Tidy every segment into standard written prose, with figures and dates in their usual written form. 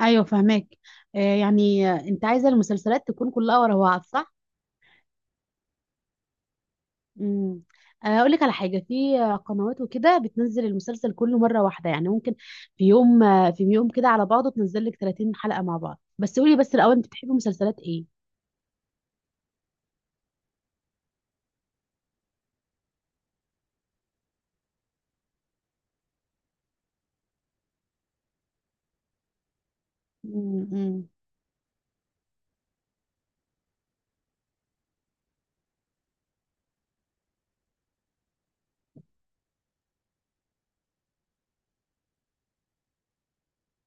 ايوه فهماك. انت عايزه المسلسلات تكون كلها ورا بعض، صح؟ امم. اقول لك على حاجه في قنوات وكده بتنزل المسلسل كله مره واحده، يعني ممكن في يوم في يوم كده على بعضه تنزل لك 30 حلقه مع بعض. بس قولي بس الاول، انت بتحبي مسلسلات ايه؟ امم.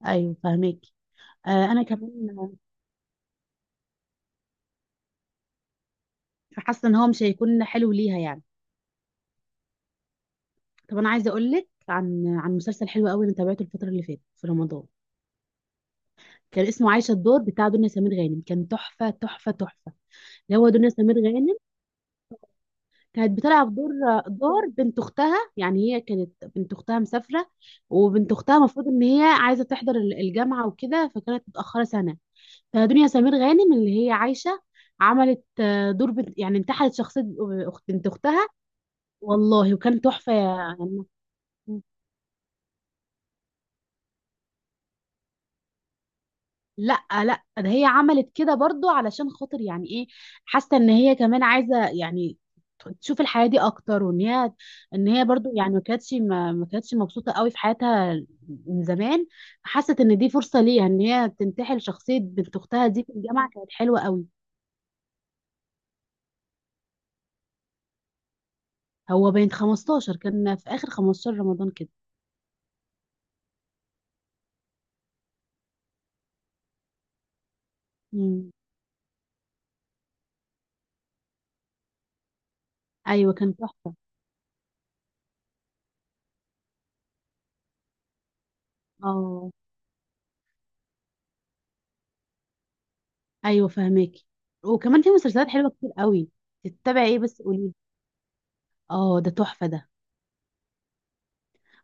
ايوه فهماك. آه انا كمان حاسه ان هو مش هيكون حلو ليها يعني. طب انا عايزه اقول لك عن مسلسل حلو قوي انا تابعته الفتره اللي فاتت في رمضان. كان اسمه عايشه الدور، بتاع دنيا سمير غانم، كان تحفه تحفه تحفه. اللي هو دنيا سمير غانم كانت بتلعب دور بنت اختها. يعني هي كانت بنت اختها مسافره، وبنت اختها المفروض ان هي عايزه تحضر الجامعه وكده، فكانت متاخره سنه. فدنيا سمير غانم اللي هي عايشه عملت دور بنت، يعني انتحلت شخصيه بنت اختها. والله وكان تحفه يعني. لا لا، ده هي عملت كده برضو علشان خاطر يعني ايه، حاسه ان هي كمان عايزه يعني تشوف الحياه دي اكتر، وان هي برضو يعني ما كانتش مبسوطه قوي في حياتها من زمان. حست ان دي فرصه ليها ان هي تنتحل شخصيه بنت اختها دي في الجامعه. كانت حلوه قوي. هو بين 15، كان في اخر 15 رمضان كده. امم. ايوه كان تحفه. اه، ايوه فهماكي. وكمان في مسلسلات حلوه كتير قوي. تتابعي ايه بس قولي. اه، ده تحفه ده.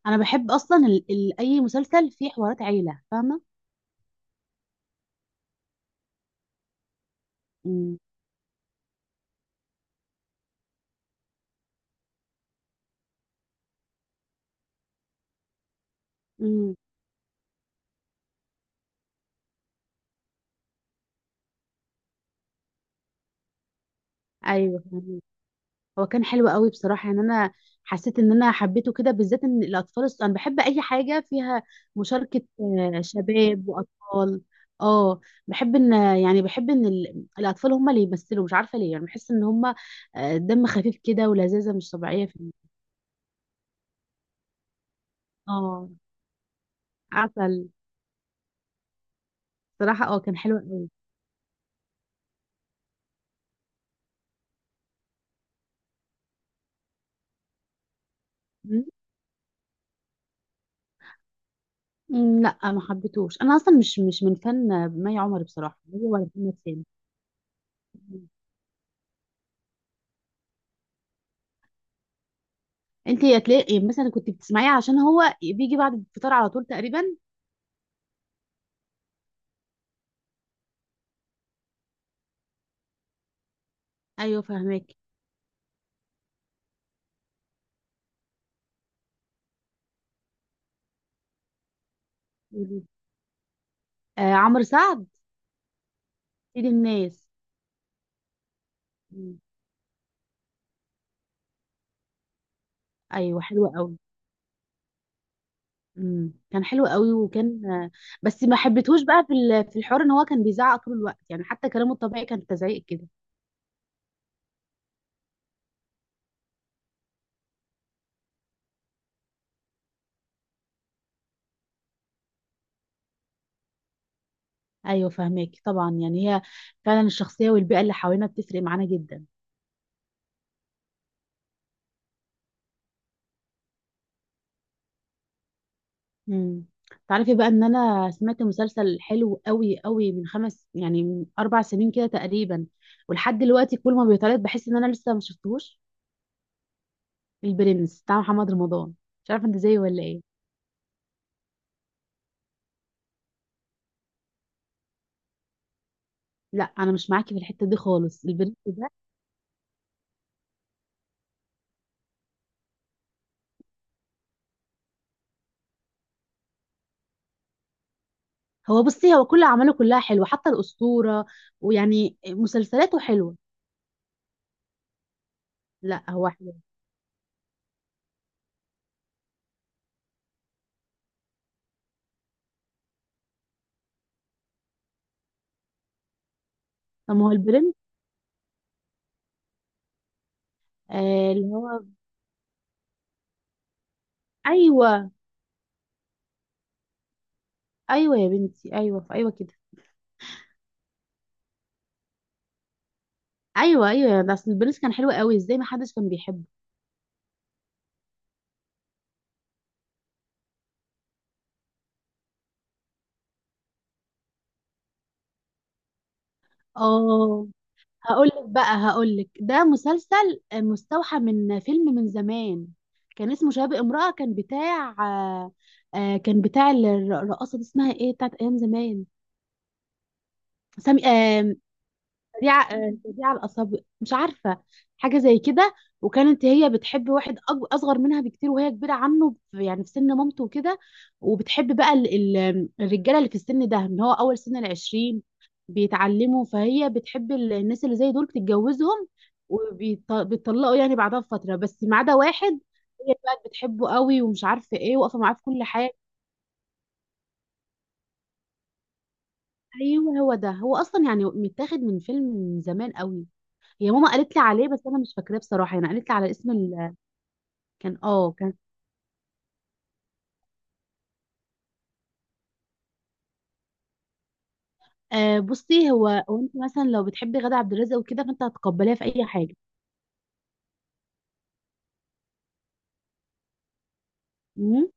انا بحب اصلا اي مسلسل فيه حوارات عيله فاهمه. امم. امم. ايوه فاهمة. هو كان حلو قوي بصراحه. يعني انا حسيت ان انا حبيته كده، بالذات ان انا بحب اي حاجه فيها مشاركه شباب واطفال. اه، بحب ان يعني بحب ان الاطفال هم اللي يمثلوا، مش عارفه ليه. يعني بحس ان هم دم خفيف كده ولذاذه مش طبيعيه في. اه. عسل. بصراحه اه كان حلو قوي. مم، لا ما حبيتهوش، انا اصلا مش من فن مي عمر بصراحه، هو ولا محمد سامي. انت هتلاقي يعني مثلا كنت بتسمعيه عشان هو بيجي بعد الفطار على طول تقريبا. ايوه فهماك. قولي. آه عمرو سعد. سيد الناس. مم. ايوه حلو قوي. مم. كان حلو قوي، وكان بس ما حبيتهوش بقى في الحوار ان هو كان بيزعق طول الوقت، يعني حتى كلامه الطبيعي كان تزعيق كده. ايوه فهماك طبعا. يعني هي فعلا الشخصيه والبيئه اللي حوالينا بتفرق معانا جدا. مم. تعرفي بقى ان انا سمعت مسلسل حلو قوي قوي من خمس، يعني من اربع سنين كده تقريبا، ولحد دلوقتي كل ما بيتعرض بحس ان انا لسه ما شفتهوش. البرنس بتاع محمد رمضان، مش عارفه انت زيي ولا ايه. لا انا مش معاكي في الحته دي خالص. البرنس ده، هو بصي، هو كل اعماله كلها حلوه، حتى الاسطوره، ويعني مسلسلاته حلوه. لا هو حلو. طب ما هو البرنس. آه، اللي هو، ايوه. ايوه يا بنتي، ايوه ايوه كده، ايوه ايوه، ده اصل البرنس كان حلو قوي، ازاي ما حدش كان بيحبه؟ اه. هقولك بقى، هقولك ده مسلسل مستوحى من فيلم من زمان. كان اسمه شباب امرأة. كان بتاع الرقاصة دي، اسمها ايه، بتاعت ايام زمان، سامي سريعة الأصابع، مش عارفة، حاجة زي كده. وكانت هي بتحب واحد أصغر منها بكتير، وهي كبيرة عنه يعني في سن مامته وكده. وبتحب بقى الرجالة اللي في السن ده، اللي هو أول سن العشرين بيتعلموا. فهي بتحب الناس اللي زي دول بتتجوزهم وبيطلقوا يعني بعدها بفترة، بس ما عدا واحد. هي بقى بتحبه قوي ومش عارفة ايه، واقفة معاه في كل حاجة. ايوه هو ده، هو اصلا يعني متاخد من فيلم من زمان قوي. هي ماما قالت لي عليه بس انا مش فاكراه بصراحه، يعني قالت لي على اسم ال... كان اه كان آه بصي، هو انت مثلا لو بتحبي غادة عبد الرازق وكده فانت هتقبليها في اي حاجه. امم.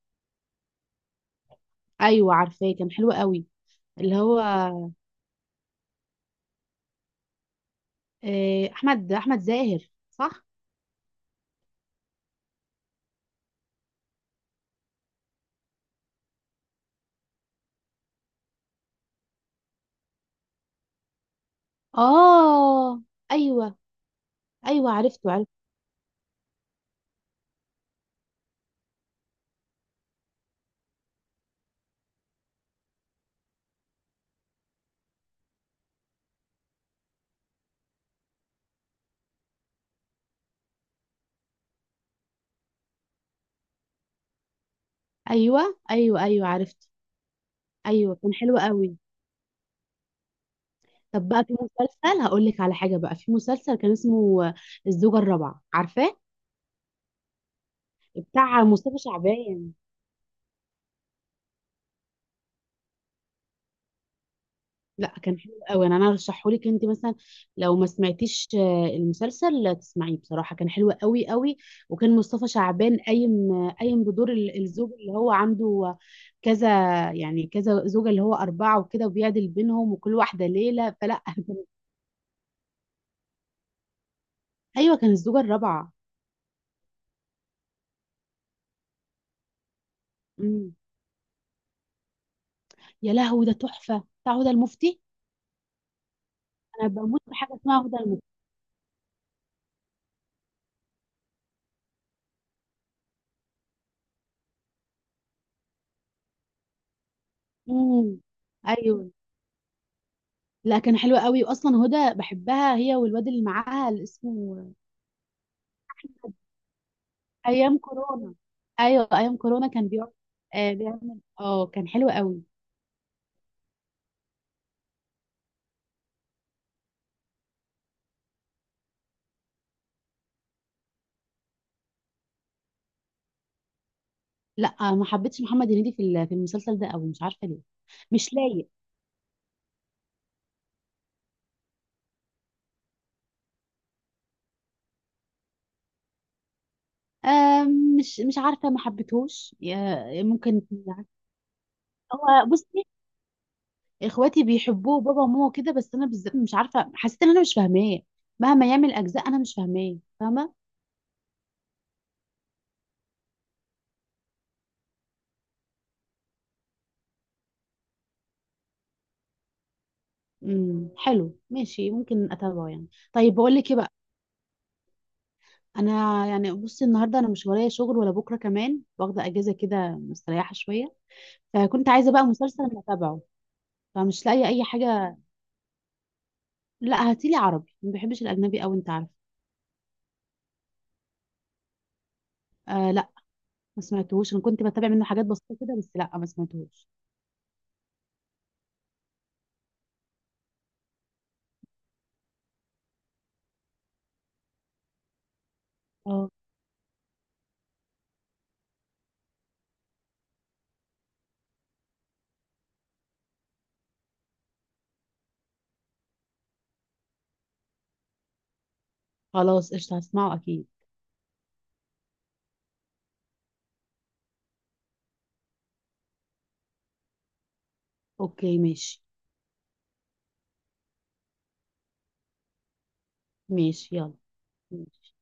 ايوه عارفاه، كان حلو قوي. اللي هو آه احمد زاهر صح. اه. ايوه، ايوه عرفته عرفت. ايوه ايوه ايوه عرفته. ايوه كان حلو قوي. طب بقى في مسلسل، هقول لك على حاجه، بقى في مسلسل كان اسمه الزوجه الرابعه، عارفاه؟ بتاع مصطفى شعبان. لا كان حلو قوي، انا ارشحه لك انت مثلا، لو ما سمعتيش المسلسل لا تسمعيه، بصراحه كان حلو قوي قوي. وكان مصطفى شعبان قايم بدور الزوج اللي هو عنده كذا، يعني كذا زوجه، اللي هو اربعه وكده، وبيعدل بينهم وكل واحده ليله، فلا كان- ايوه كان الزوجه الرابعه. امم. يا لهوي، ده تحفه، بتاع هدى المفتي. انا بموت في حاجه اسمها هدى المفتي. امم. ايوه. لا كان حلو قوي، واصلا هدى بحبها، هي والواد اللي معاها اللي اسمه. ايام كورونا. ايوه ايام كورونا كان بيقعد. آه بيعمل اه كان حلو قوي. لا ما حبيتش محمد هنيدي في المسلسل ده قوي، مش عارفه ليه. مش لايق. آه مش عارفه، ما حبيتهوش، ممكن. هو بصي، اخواتي بيحبوه، بابا وماما كده، بس انا بالذات مش عارفه، حسيت ان انا مش فاهماه. مهما يعمل اجزاء انا مش فاهماه فاهمه. امم. حلو، ماشي، ممكن اتابعه يعني. طيب بقول لك ايه بقى. انا يعني بصي، النهارده انا مش ورايا شغل ولا بكره، كمان واخده اجازه كده، مستريحه شويه. فكنت عايزه بقى مسلسل انا اتابعه. فمش لاقيه اي حاجه. لا هاتيلي عربي، ما بحبش الاجنبي قوي، انت عارف. آه لا، ما سمعتهوش، انا كنت بتابع منه حاجات بسيطه كده بس، لا ما سمعتهوش. اه خلاص قشطه، هسمعه اكيد. اوكي ماشي. ماشي يلا. ماشي.